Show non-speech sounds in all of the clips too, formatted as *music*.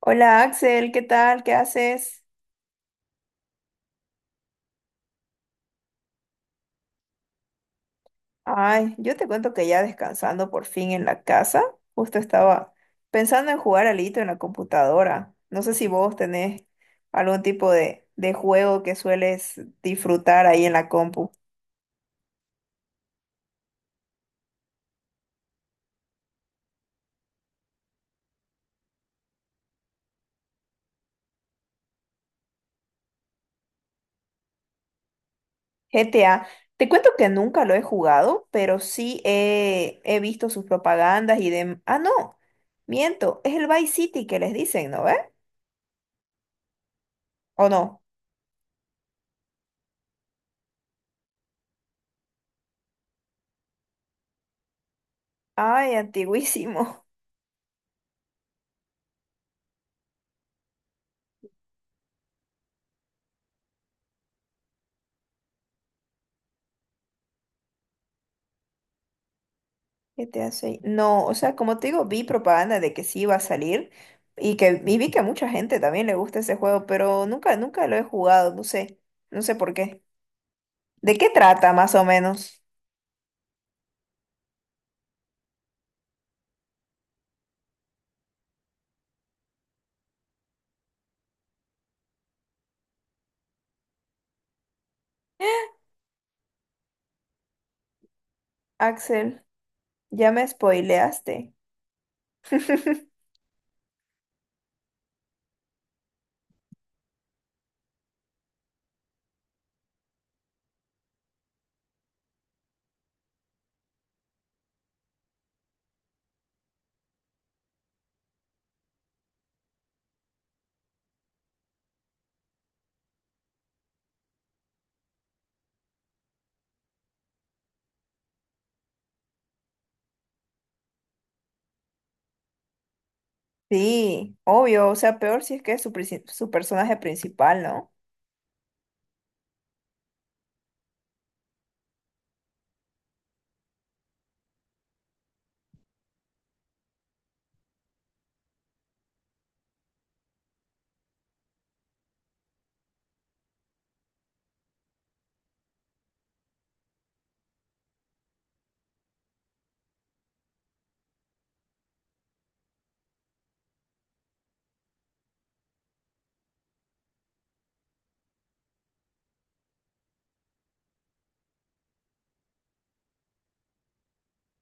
Hola Axel, ¿qué tal? ¿Qué haces? Ay, yo te cuento que ya descansando por fin en la casa, justo estaba pensando en jugar alito en la computadora. No sé si vos tenés algún tipo de juego que sueles disfrutar ahí en la compu. GTA, te cuento que nunca lo he jugado, pero sí he visto sus propagandas y de... Ah, no, miento, es el Vice City que les dicen, ¿no ve? ¿O no? Ay, *laughs* antiguísimo. GTA 6. No, o sea, como te digo, vi propaganda de que sí iba a salir y vi que a mucha gente también le gusta ese juego, pero nunca, nunca lo he jugado, no sé, no sé por qué. ¿De qué trata más o menos? Axel, ya me spoileaste. Sí, obvio, o sea, peor si es que es su, su personaje principal, ¿no?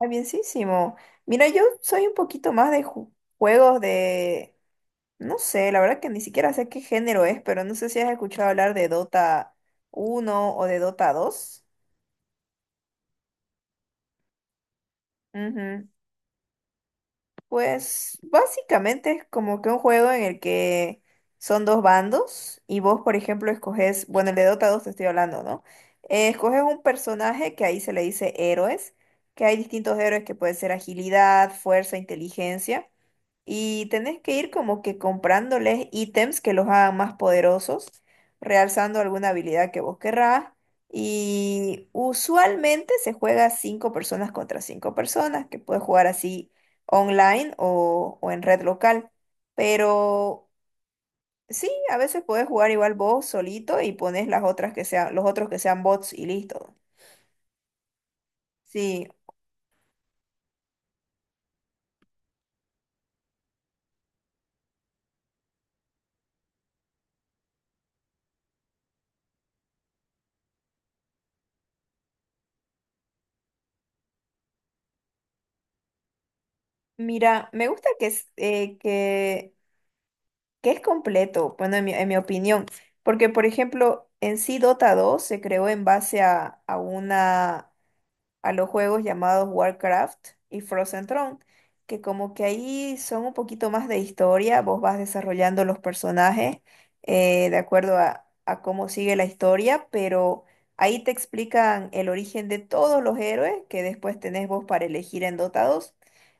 Está bienísimo. Mira, yo soy un poquito más de juegos de... No sé, la verdad que ni siquiera sé qué género es, pero no sé si has escuchado hablar de Dota uno o de Dota dos. Ujú. Pues básicamente es como que un juego en el que son dos bandos y vos, por ejemplo, escoges, bueno, el de Dota dos te estoy hablando, ¿no? Escoges un personaje que ahí se le dice héroes, que hay distintos héroes que puede ser agilidad, fuerza, inteligencia. Y tenés que ir como que comprándoles ítems que los hagan más poderosos, realzando alguna habilidad que vos querrás. Y usualmente se juega cinco personas contra cinco personas, que puedes jugar así online o en red local. Pero sí, a veces puedes jugar igual vos solito y pones las otras que sean, los otros que sean bots y listo. Sí, mira, me gusta que, que es completo, bueno, en mi opinión, porque por ejemplo, en sí Dota dos se creó en base a una a los juegos llamados Warcraft y Frozen Throne, que como que ahí son un poquito más de historia, vos vas desarrollando los personajes de acuerdo a cómo sigue la historia, pero ahí te explican el origen de todos los héroes que después tenés vos para elegir en Dota dos.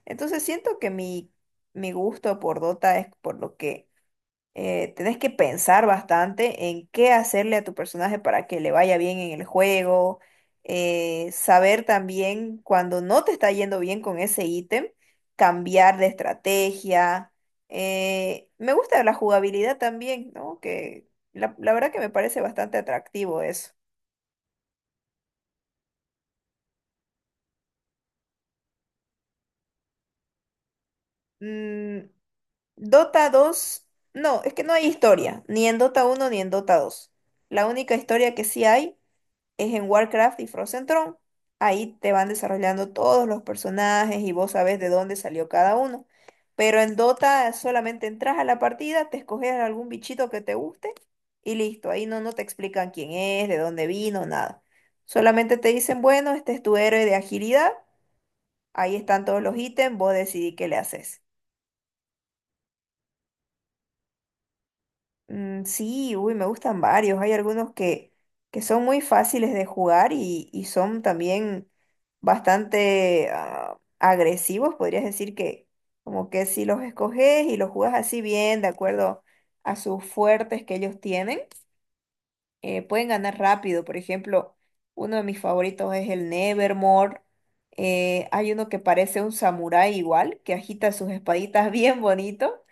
Entonces siento que mi gusto por Dota es por lo que tenés que pensar bastante en qué hacerle a tu personaje para que le vaya bien en el juego, saber también cuando no te está yendo bien con ese ítem, cambiar de estrategia. Me gusta la jugabilidad también, ¿no? Que la verdad que me parece bastante atractivo eso. Mm, Dota dos, no, es que no hay historia, ni en Dota uno ni en Dota dos. La única historia que sí hay es en Warcraft y Frozen Throne. Ahí te van desarrollando todos los personajes y vos sabés de dónde salió cada uno. Pero en Dota solamente entras a la partida, te escoges algún bichito que te guste y listo. Ahí no, no te explican quién es, de dónde vino, nada. Solamente te dicen, bueno, este es tu héroe de agilidad. Ahí están todos los ítems, vos decidí qué le haces. Mm, sí, uy, me gustan varios. Hay algunos que son muy fáciles de jugar y son también bastante agresivos. Podrías decir que como que si los escoges y los juegas así bien, de acuerdo a sus fuertes que ellos tienen, pueden ganar rápido. Por ejemplo, uno de mis favoritos es el Nevermore. Hay uno que parece un samurái igual, que agita sus espaditas *laughs* bien bonito.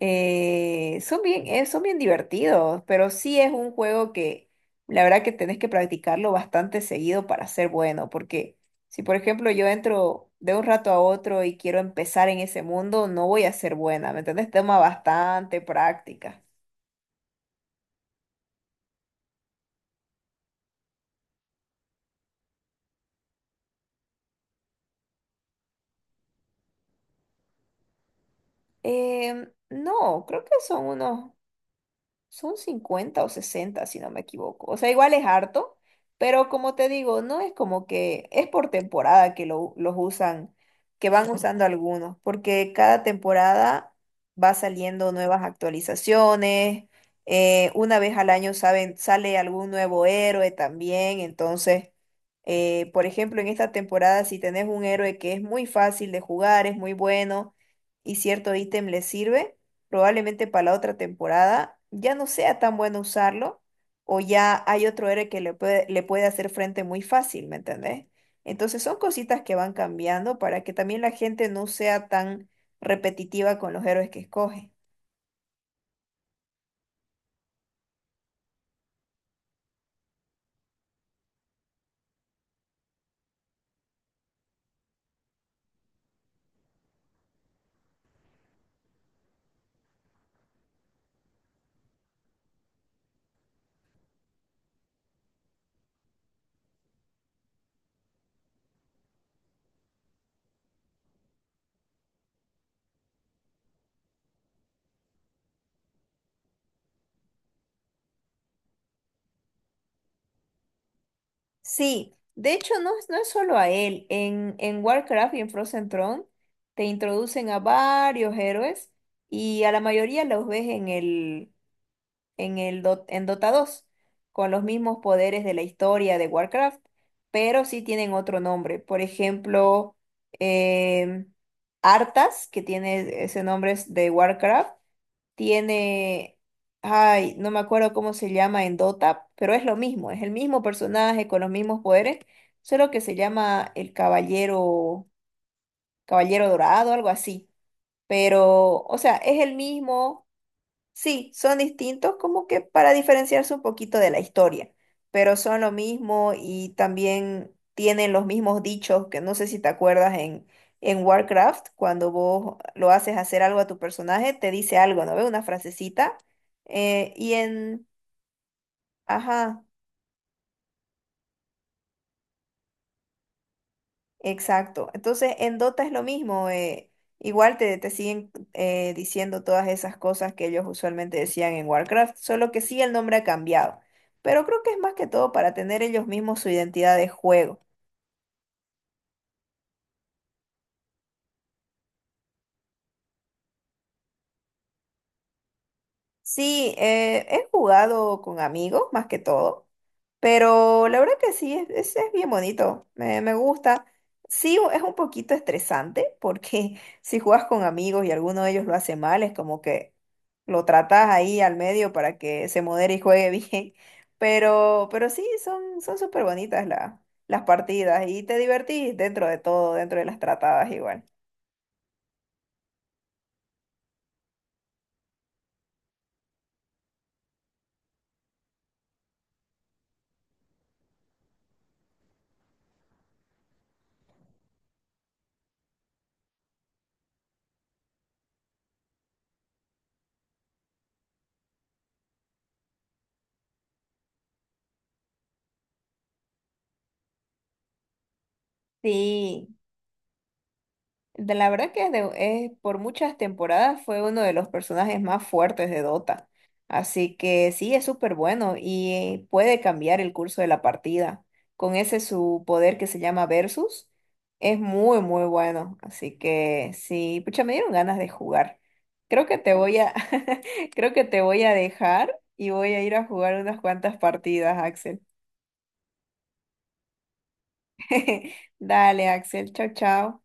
Son bien, son bien divertidos, pero sí es un juego que la verdad que tenés que practicarlo bastante seguido para ser bueno, porque si por ejemplo yo entro de un rato a otro y quiero empezar en ese mundo, no voy a ser buena, ¿me entendés? Toma bastante práctica. No, creo que son unos... Son 50 o 60 si no me equivoco. O sea, igual es harto, pero como te digo, no es como que es por temporada que los usan, que van... Ujú. Usando algunos, porque cada temporada va saliendo nuevas actualizaciones. Una vez al año saben, sale algún nuevo héroe también. Entonces, por ejemplo, en esta temporada, si tenés un héroe que es muy fácil de jugar, es muy bueno y cierto ítem le sirve probablemente para la otra temporada ya no sea tan bueno usarlo o ya hay otro héroe que le puede hacer frente muy fácil, ¿me entendés? Entonces son cositas que van cambiando para que también la gente no sea tan repetitiva con los héroes que escoge. Sí, de hecho no es, no es solo a él, en Warcraft y en Frozen Throne te introducen a varios héroes y a la mayoría los ves en el en el en Dota 2, con los mismos poderes de la historia de Warcraft, pero sí tienen otro nombre. Por ejemplo, em, Arthas, que tiene ese nombre es de Warcraft, tiene, ay, no me acuerdo cómo se llama en Dota, pero es lo mismo, es el mismo personaje con los mismos poderes, solo que se llama el Caballero, Caballero Dorado, algo así. Pero, o sea, es el mismo. Sí, son distintos como que para diferenciarse un poquito de la historia, pero son lo mismo y también tienen los mismos dichos que no sé si te acuerdas en Warcraft, cuando vos lo haces hacer algo a tu personaje, te dice algo, ¿no ves? Una frasecita. eh, y en, ajá, exacto. Entonces, en Dota es lo mismo. Igual te, te siguen diciendo todas esas cosas que ellos usualmente decían en Warcraft, solo que sí el nombre ha cambiado. Pero creo que es más que todo para tener ellos mismos su identidad de juego. Sí, he jugado con amigos más que todo, pero la verdad que sí, es bien bonito, me gusta. Sí, es un poquito estresante porque *laughs* si juegas con amigos y alguno de ellos lo hace mal, es como que lo tratas ahí al medio para que se modere y juegue *laughs* bien. Pero sí, son, son súper bonitas las partidas y te divertís dentro de todo, dentro de las tratadas igual. Sí. De la verdad que por muchas temporadas fue uno de los personajes más fuertes de Dota. Así que sí, es súper bueno y puede cambiar el curso de la partida. Con ese su poder que se llama Versus, es muy, muy bueno. Así que sí, pucha, me dieron ganas de jugar. Creo que te voy a... *laughs* Creo que te voy a dejar y voy a ir a jugar unas cuantas partidas, Axel. *laughs* Dale, Axel, chao, chao.